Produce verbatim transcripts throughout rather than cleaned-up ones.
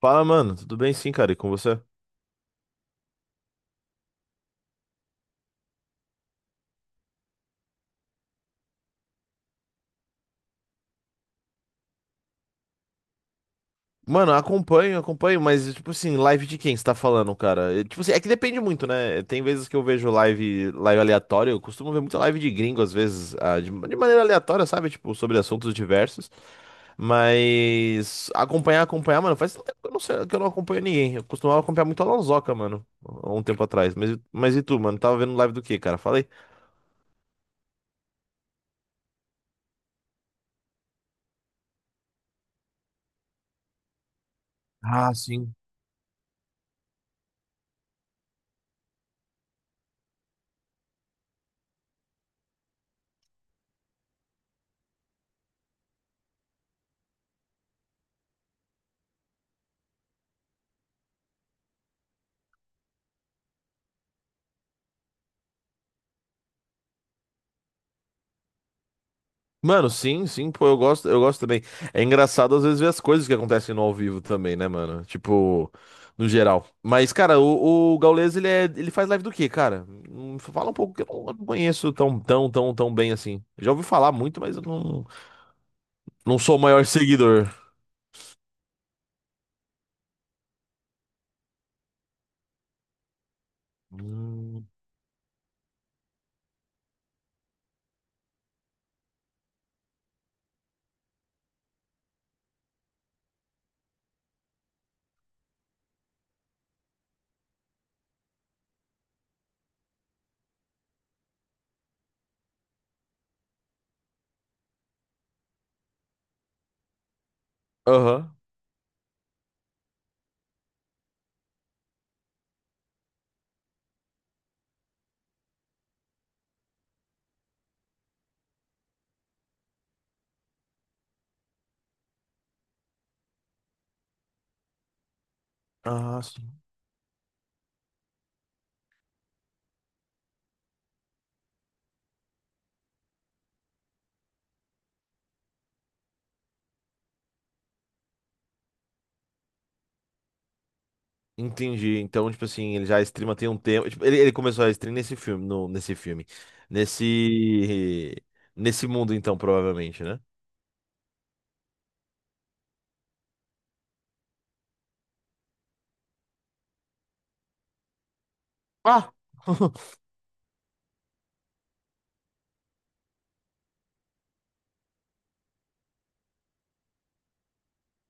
Fala, mano. Tudo bem sim, cara? E com você? Mano, acompanho, acompanho, mas, tipo assim, live de quem você tá falando, cara? É, tipo assim, é que depende muito, né? Tem vezes que eu vejo live, live aleatória, eu costumo ver muita live de gringo, às vezes, ah, de, de maneira aleatória, sabe? Tipo, sobre assuntos diversos. Mas acompanhar, acompanhar, mano, faz tempo que eu não sei, que eu não acompanho ninguém. Eu costumava acompanhar muito a Lonzoca, mano, há um tempo atrás. Mas, mas e tu, mano? Tava vendo live do quê, cara? Falei. Ah, sim. Mano, sim, sim, pô, eu gosto, eu gosto também. É engraçado às vezes ver as coisas que acontecem no ao vivo também, né, mano? Tipo, no geral. Mas, cara, o, o Gaules, ele é, ele faz live do quê, cara? Hum, Fala um pouco que eu não eu não conheço tão, tão, tão, tão bem assim. Já ouvi falar muito, mas eu não, não sou o maior seguidor. Hum, Aham. Ah, sim. Entendi. Então, tipo assim, ele já streama tem um tempo. Tipo, ele, ele começou a stream nesse filme, no, nesse filme. Nesse. Nesse mundo, então, provavelmente, né? Ah!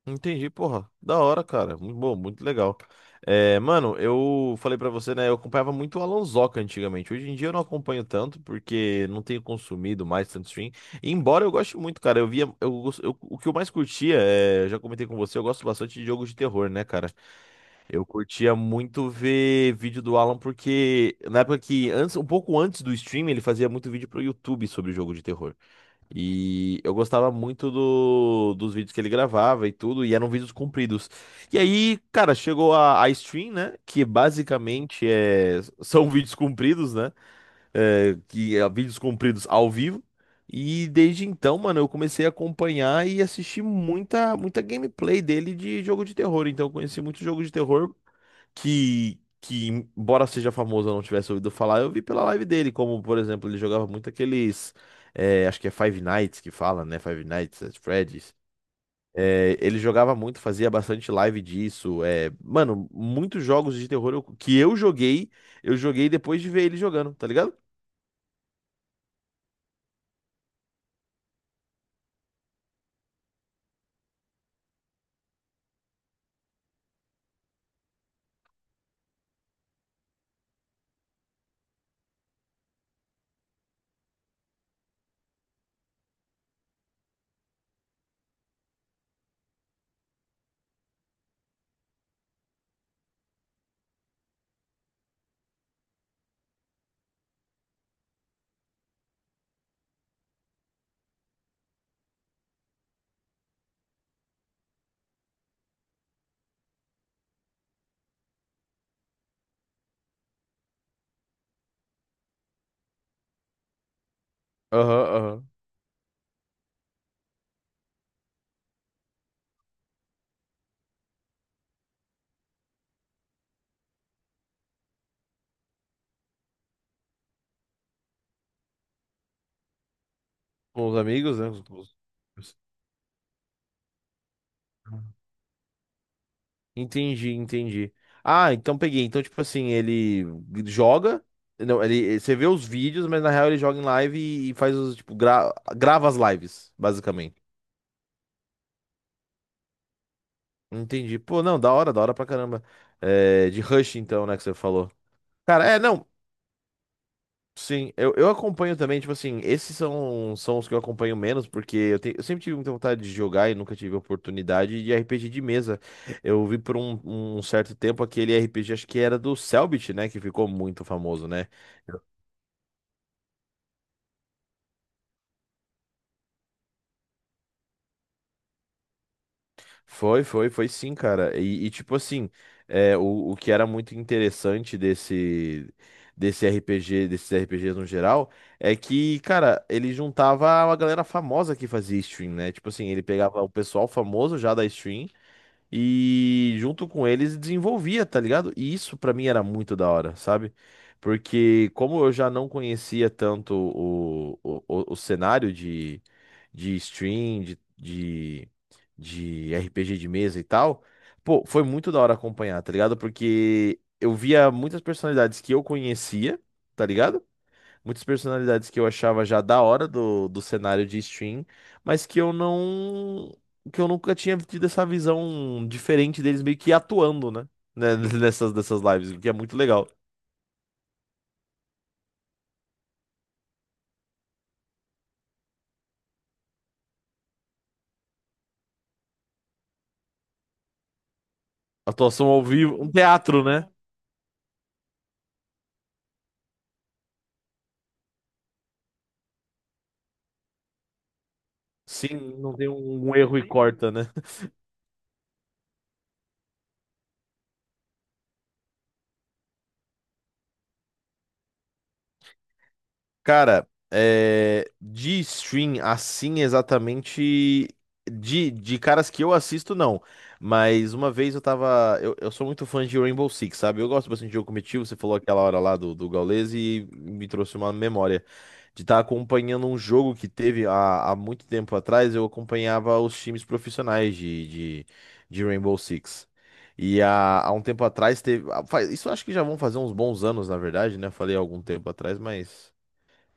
Entendi, porra. Da hora, cara. Muito bom, muito legal. É, mano, eu falei pra você, né? Eu acompanhava muito o Alonsoca antigamente. Hoje em dia eu não acompanho tanto, porque não tenho consumido mais tanto stream. E embora eu goste muito, cara. Eu via. Eu, gos- eu- o que eu mais curtia, é, eu já comentei com você, eu gosto bastante de jogos de terror, né, cara? Eu curtia muito ver vídeo do Alan, porque na época que. Antes, um pouco antes do stream, ele fazia muito vídeo pro YouTube sobre jogo de terror. E eu gostava muito do- dos vídeos que ele gravava e tudo, e eram vídeos compridos. E aí, cara, chegou a, a stream, né? Que basicamente é, são vídeos compridos, né? É, que é, vídeos compridos ao vivo. E desde então, mano, eu comecei a acompanhar e assistir muita, muita gameplay dele de jogo de terror. Então, eu conheci muito jogo de terror que, que, embora seja famoso, eu não tivesse ouvido falar, eu vi pela live dele, como, por exemplo, ele jogava muito aqueles, é, acho que é Five Nights que fala, né? Five Nights at Freddy's. É, ele jogava muito, fazia bastante live disso. É, mano, muitos jogos de terror eu- que eu joguei, eu joguei depois de ver ele jogando, tá ligado? Aham, aham. Com os amigos, né? com os- Entendi, entendi. Ah, então peguei. Então, tipo assim, ele joga. Não, ele, você vê os vídeos, mas na real ele joga em live e, e faz os, tipo, gra- grava as lives, basicamente. Entendi. Pô, não, da hora, da hora pra caramba. É, de Rush, então, né, que você falou. Cara, é, não, sim, eu, eu acompanho também, tipo assim, esses são, são os que eu acompanho menos, porque eu, te- eu sempre tive muita vontade de jogar e nunca tive oportunidade de R P G de mesa. Eu vi por um, um certo tempo aquele R P G, acho que era do Cellbit, né, que ficou muito famoso, né? Foi, foi, foi sim, cara. E, e, tipo assim, é, o, o que era muito interessante desse, desse R P G, desses R P Gs no geral, é que, cara, ele juntava uma galera famosa que fazia stream, né? Tipo assim, ele pegava o pessoal famoso já da stream. E junto com eles desenvolvia, tá ligado? E isso pra mim era muito da hora, sabe? Porque como eu já não conhecia tanto o, o, o, o cenário de, de stream, de, de, de R P G de mesa e tal, pô, foi muito da hora acompanhar, tá ligado? Porque eu via muitas personalidades que eu conhecia, tá ligado? Muitas personalidades que eu achava já da hora do, do cenário de stream, mas que eu não. Que eu nunca tinha tido essa visão diferente deles meio que atuando, né? Né, nessas, dessas lives, o que é muito legal. Atuação ao vivo, um teatro, né? Sim, não tem um um erro e corta, né? Cara, é, de stream assim exatamente de, de caras que eu assisto, não. Mas uma vez eu tava. Eu, eu sou muito fã de Rainbow Six, sabe? Eu gosto bastante de jogo competitivo. Você falou aquela hora lá do, do Gaules e me trouxe uma memória de estar acompanhando um jogo que teve há, há muito tempo atrás. Eu acompanhava os times profissionais de, de, de Rainbow Six. E há, há um tempo atrás teve. ah, faz- Isso acho que já vão fazer uns bons anos, na verdade, né? Falei há algum tempo atrás, mas.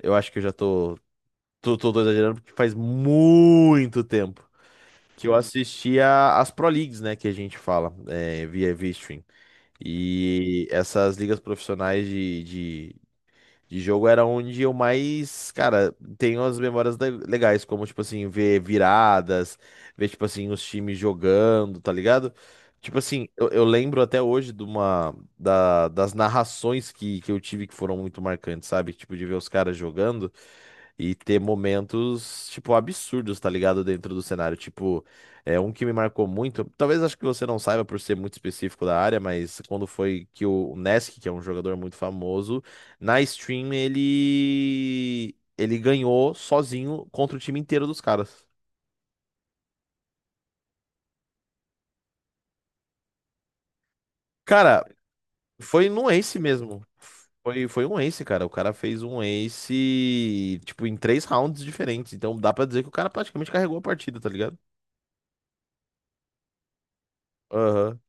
Eu acho que eu já tô, tô, tô, tô exagerando porque faz muito tempo que eu assistia as Pro Leagues, né, que a gente fala, é, via via stream. E essas ligas profissionais de, de jogo era onde eu mais, cara, tenho as memórias le- legais, como, tipo assim, ver viradas, ver, tipo assim, os times jogando, tá ligado? Tipo assim, eu, eu lembro até hoje de uma, da- das narrações que, que eu tive que foram muito marcantes, sabe? Tipo, de ver os caras jogando e ter momentos, tipo, absurdos, tá ligado? Dentro do cenário. Tipo, é um que me marcou muito. Talvez acho que você não saiba por ser muito específico da área, mas quando foi que o Nesk, que é um jogador muito famoso, na stream ele ele ganhou sozinho contra o time inteiro dos caras. Cara, foi num ace mesmo. Foi, foi um ace, cara. O cara fez um ace, tipo, em três rounds diferentes. Então dá pra dizer que o cara praticamente carregou a partida, tá ligado? Aham.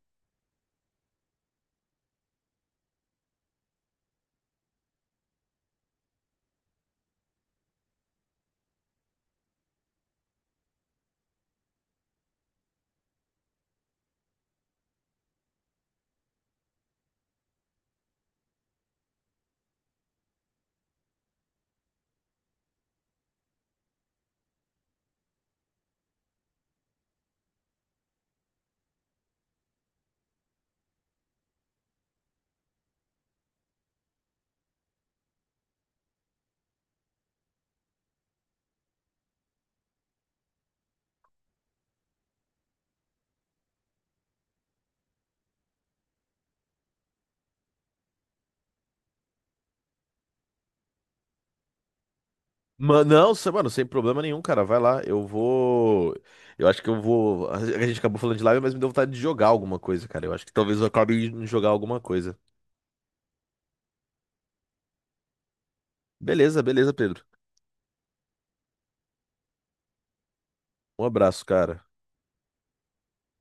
Mano, não, se- mano, sem problema nenhum, cara. Vai lá, eu vou. Eu acho que eu vou. A gente acabou falando de live, mas me deu vontade de jogar alguma coisa, cara. Eu acho que talvez eu acabe de jogar alguma coisa. Beleza, beleza, Pedro. Um abraço, cara.